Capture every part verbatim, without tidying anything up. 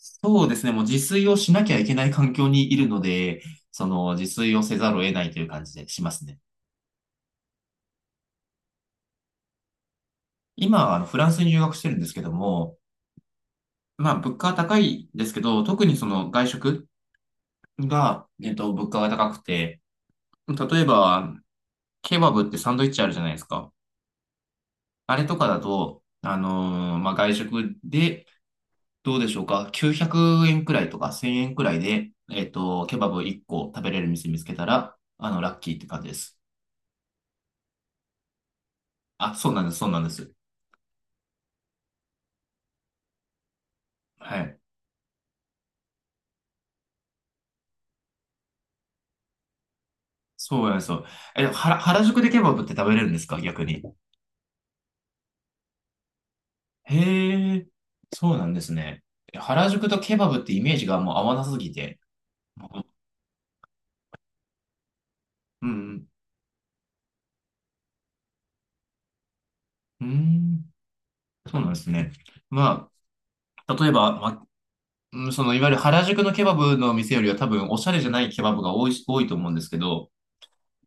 そうですね。もう自炊をしなきゃいけない環境にいるので、その自炊をせざるを得ないという感じでしますね。今、あの、フランスに留学してるんですけども、まあ、物価は高いですけど、特にその外食が、えっと、物価が高くて、例えば、ケバブってサンドイッチあるじゃないですか。あれとかだと、あのーまあ、外食で、どうでしょうか。きゅうひゃくえんくえんくらいとかせんえんくらいで、えっと、ケバブいっこ食べれる店見つけたら、あの、ラッキーって感じです。あ、そうなんです、そうなんです。はい。そうや、そう。え、でも原、原宿でケバブって食べれるんですか、逆に。へえ、そうなんですね。え、原宿とケバブってイメージがもう合わなすぎて。うん、うん、そうなんですね。まあ、例えば、まうんその、いわゆる原宿のケバブの店よりは多分、おしゃれじゃないケバブが多い多いと思うんですけど、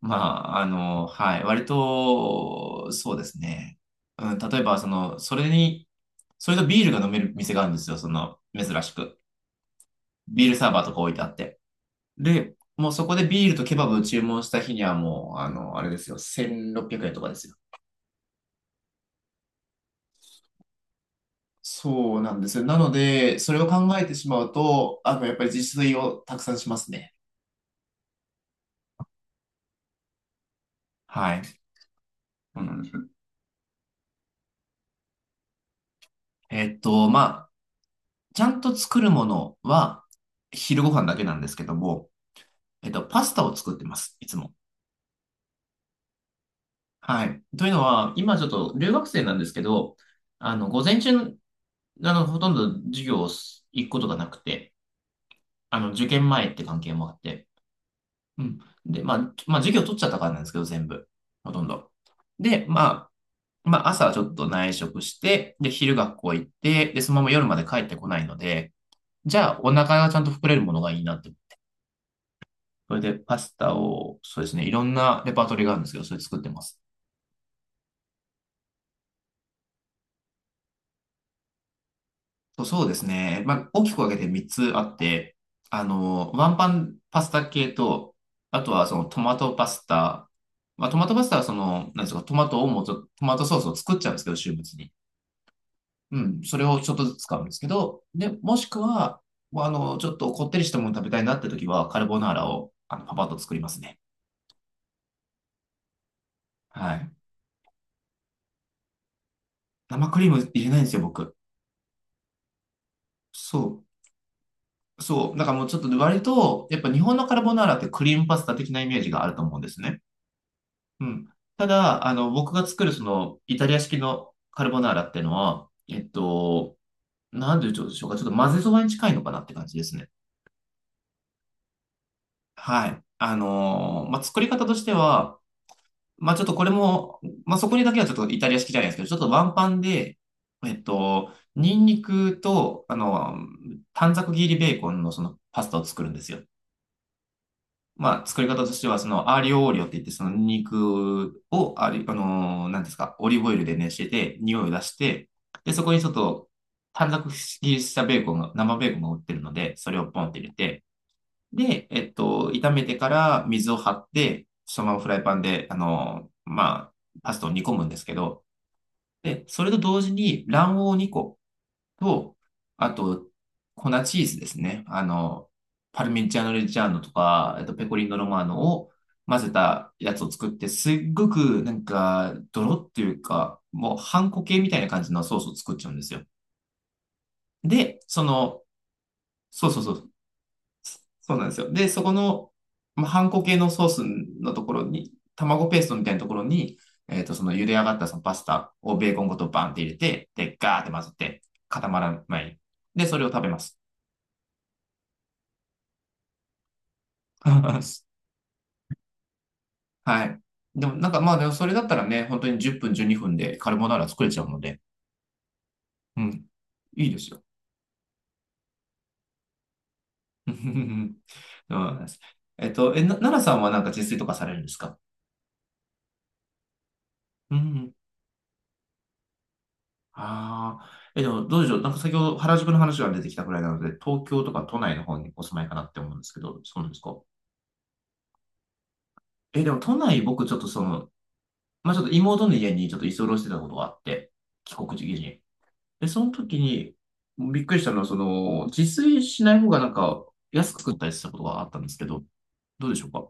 まあ、あの、はい、割と、そうですね。うん、例えば、その、それに、それとビールが飲める店があるんですよ、その、珍しく。ビールサーバーとか置いてあって。で、もうそこでビールとケバブを注文した日にはもう、あの、あれですよ、せんろっぴゃくえんとかですよ。そうなんですよ。なので、それを考えてしまうと、あの、やっぱり自炊をたくさんしますね。はい。そうなんです。えっと、まあ、ちゃんと作るものは、昼ご飯だけなんですけども、えっと、パスタを作ってます、いつも。はい。というのは、今ちょっと留学生なんですけど、あの、午前中、あの、ほとんど授業を行くことがなくて、あの、受験前って関係もあって。うん。で、まあ、まあ、授業取っちゃったからなんですけど、全部。ほとんど。で、まあ、まあ、朝ちょっと内職して、で、昼学校行って、で、そのまま夜まで帰ってこないので、じゃあ、お腹がちゃんと膨れるものがいいなって。それで、パスタを、そうですね、いろんなレパートリーがあるんですけど、それ作ってます。そうそうですね。まあ、大きく分けてみっつあって、あの、ワンパンパスタ系と、あとはそのトマトパスタ。まあ、トマトパスタはその、なんですか、トマトをもうちょっと、トマトソースを作っちゃうんですけど、週末に。うん、それをちょっとずつ使うんですけど、で、もしくは、もうあの、ちょっとこってりしたもの食べたいなって時は、カルボナーラを、あの、パパッと作りますね。はい。生クリーム入れないんですよ、僕。そう。そう。だからもうちょっと割と、やっぱ日本のカルボナーラってクリームパスタ的なイメージがあると思うんですね。うん。ただ、あの、僕が作るその、イタリア式のカルボナーラってのは、えっと、なんでしょうか、ちょっと混ぜそばに近いのかなって感じですね。はい。あのーまあ、作り方としては、まあ、ちょっとこれも、まあ、そこにだけはちょっとイタリア式じゃないですけど、ちょっとワンパンで、えっと、ニンニクと、あの、短冊切りベーコンのそのパスタを作るんですよ。まあ、作り方としては、その、アーリオオーリオって言って、その肉を、あり、あのー、なんですか、オリーブオイルで熱してて、匂いを出して、で、そこにちょっと短冊切りしたベーコンが、生ベーコンが売ってるので、それをポンって入れて、で、えっと、炒めてから水を張って、そのままフライパンで、あのー、まあ、パスタを煮込むんですけど、で、それと同時に卵黄をにこと、あと、粉チーズですね。あの、パルミジャーノ・レッジャーノとか、えっと、ペコリーノ・ロマーノを混ぜたやつを作って、すっごくなんか、ドロっていうか、もう、ハンコ系みたいな感じのソースを作っちゃうんですよ。で、その、そうそうそう、そうなんですよ。で、そこの、まあ、ハンコ系のソースのところに、卵ペーストみたいなところに、えっと、その茹で上がったそのパスタをベーコンごとバンって入れて、で、ガーって混ぜて、固まらない。で、それを食べます。はい。でも、なんかまあ、でもそれだったらね、本当にじゅっぷん、じゅうにふんでカルボナーラ作れちゃうので、うん、いいですよ。そうなんです。えっと、え、な、奈良さんはなんか自炊とかされるんですか？うん。ああ。え、でも、どうでしょう。なんか先ほど原宿の話が出てきたくらいなので、東京とか都内の方にお住まいかなって思うんですけど、そうなんですか？え、でも都内僕ちょっとその、まあちょっと妹の家にちょっと居候してたことがあって、帰国時期に。で、その時に、びっくりしたのは、その、自炊しない方がなんか、安く食ったりしたことがあったんですけど、どうでしょうか？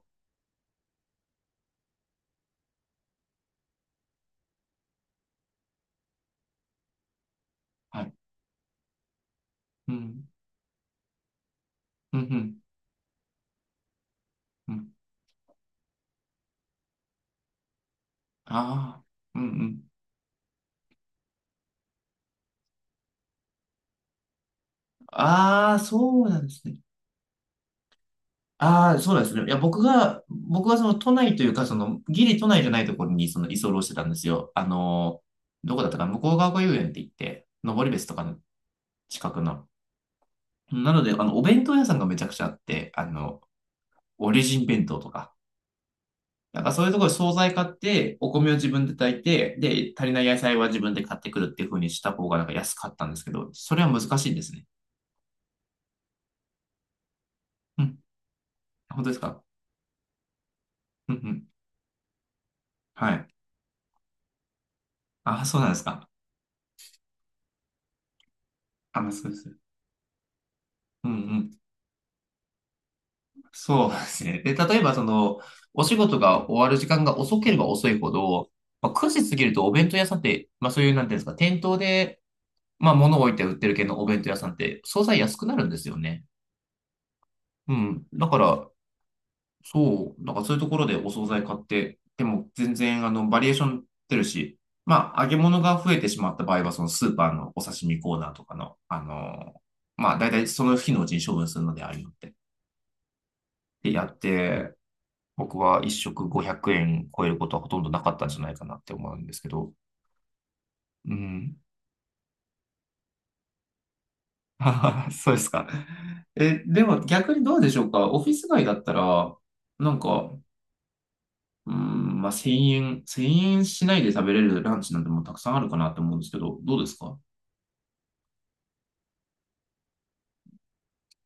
はい。うん。うん、うん、うん。ああ、うん、うん。ああ、そうなんですね。ああ、そうなんですね。いや、僕が、僕はその都内というか、その、ギリ都内じゃないところに、その、居候してたんですよ。あのー、どこだったかな、向川が遊園って言って、登別とかの近くの。なので、あの、お弁当屋さんがめちゃくちゃあって、あの、オリジン弁当とか。なんかそういうところで惣菜買って、お米を自分で炊いて、で、足りない野菜は自分で買ってくるっていう風にした方がなんか安かったんですけど、それは難しいんですね。うん。本当ですか？うんうん。はい。あ、そうなんですか。あ、まあそうです。うんうん。そうですね。で、例えばその、お仕事が終わる時間が遅ければ遅いほど、まあ、くじ過ぎるとお弁当屋さんって、まあそういう、なんていうんですか、店頭で、まあ物を置いて売ってる系のお弁当屋さんって、惣菜安くなるんですよね。うん。だから、そう、だからそういうところでお惣菜買って、でも全然あのバリエーション出るし、まあ揚げ物が増えてしまった場合は、そのスーパーのお刺身コーナーとかの、あの、まあ大体その日のうちに処分するのでありのでて。で、やって、僕は一食ごひゃくえん超えることはほとんどなかったんじゃないかなって思うんですけど。うん。そうですか。え、でも逆にどうでしょうか。オフィス街だったら、なんか、うん、まあ、せんえん、いちえんしないで食べれるランチなんてもうたくさんあるかなと思うんですけど、どうですか？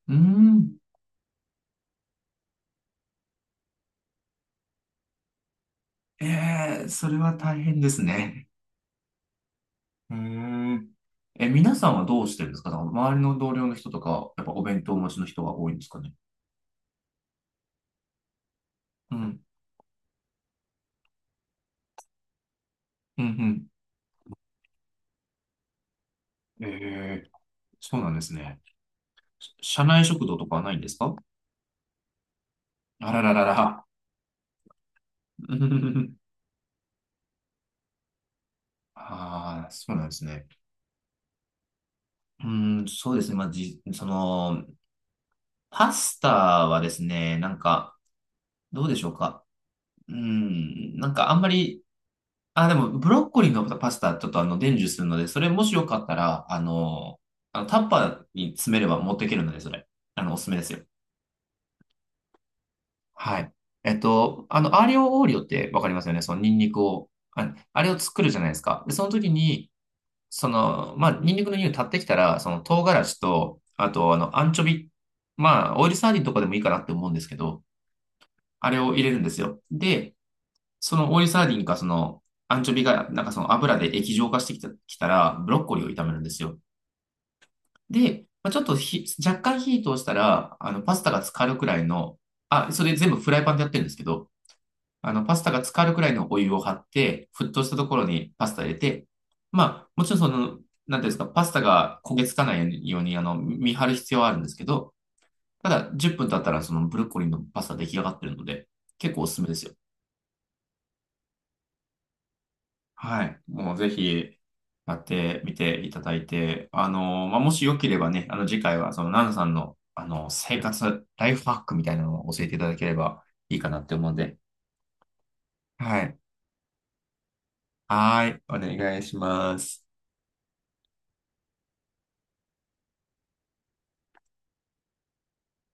うーん、ええ、それは大変ですね。うーん。え、皆さんはどうしてるんですか？だから周りの同僚の人とか、やっぱお弁当をお持ちの人が多いんですかね？うん、うん、うん。ええ、そうなんですね。し社内食堂とかはないんですか？あらららら。ああ、そうなんですね。うーん、そうですね。まあ、じ、その、パスタはですね、なんか、どうでしょうか。うーん、なんかあんまり、あ、でもブロッコリーのパスタちょっとあの伝授するので、それもしよかったら、あの、あのタッパーに詰めれば持っていけるので、それ、あの、おすすめですよ。はい。えっと、あの、アーリオオーリオってわかりますよね。そのニンニクを、あ、あれを作るじゃないですか。で、その時に、その、まあ、ニンニクの匂い立ってきたら、その唐辛子と、あと、あの、アンチョビ、まあ、オイルサーディンとかでもいいかなって思うんですけど、あれを入れるんですよ。で、そのオイルサーディンか、その、アンチョビが、なんかその油で液状化してきた、きたら、ブロッコリーを炒めるんですよ。で、まあ、ちょっとひ、若干火通したら、あの、パスタが浸かるくらいの、あ、それ全部フライパンでやってるんですけど、あの、パスタが浸かるくらいのお湯を張って、沸騰したところにパスタ入れて、まあ、もちろんその、なんていうんですか、パスタが焦げつかないように、あの、見張る必要はあるんですけど、ただ、じゅっぷん経ったら、そのブロッコリーのパスタ出来上がってるので、結構おすすめですよ。はい。もうぜひ、やってみていただいて、あの、まあ、もしよければね、あの、次回は、その、ナナさんの、あの、生活、ライフハックみたいなのを教えていただければいいかなって思うんで。はい。はい。お願いします。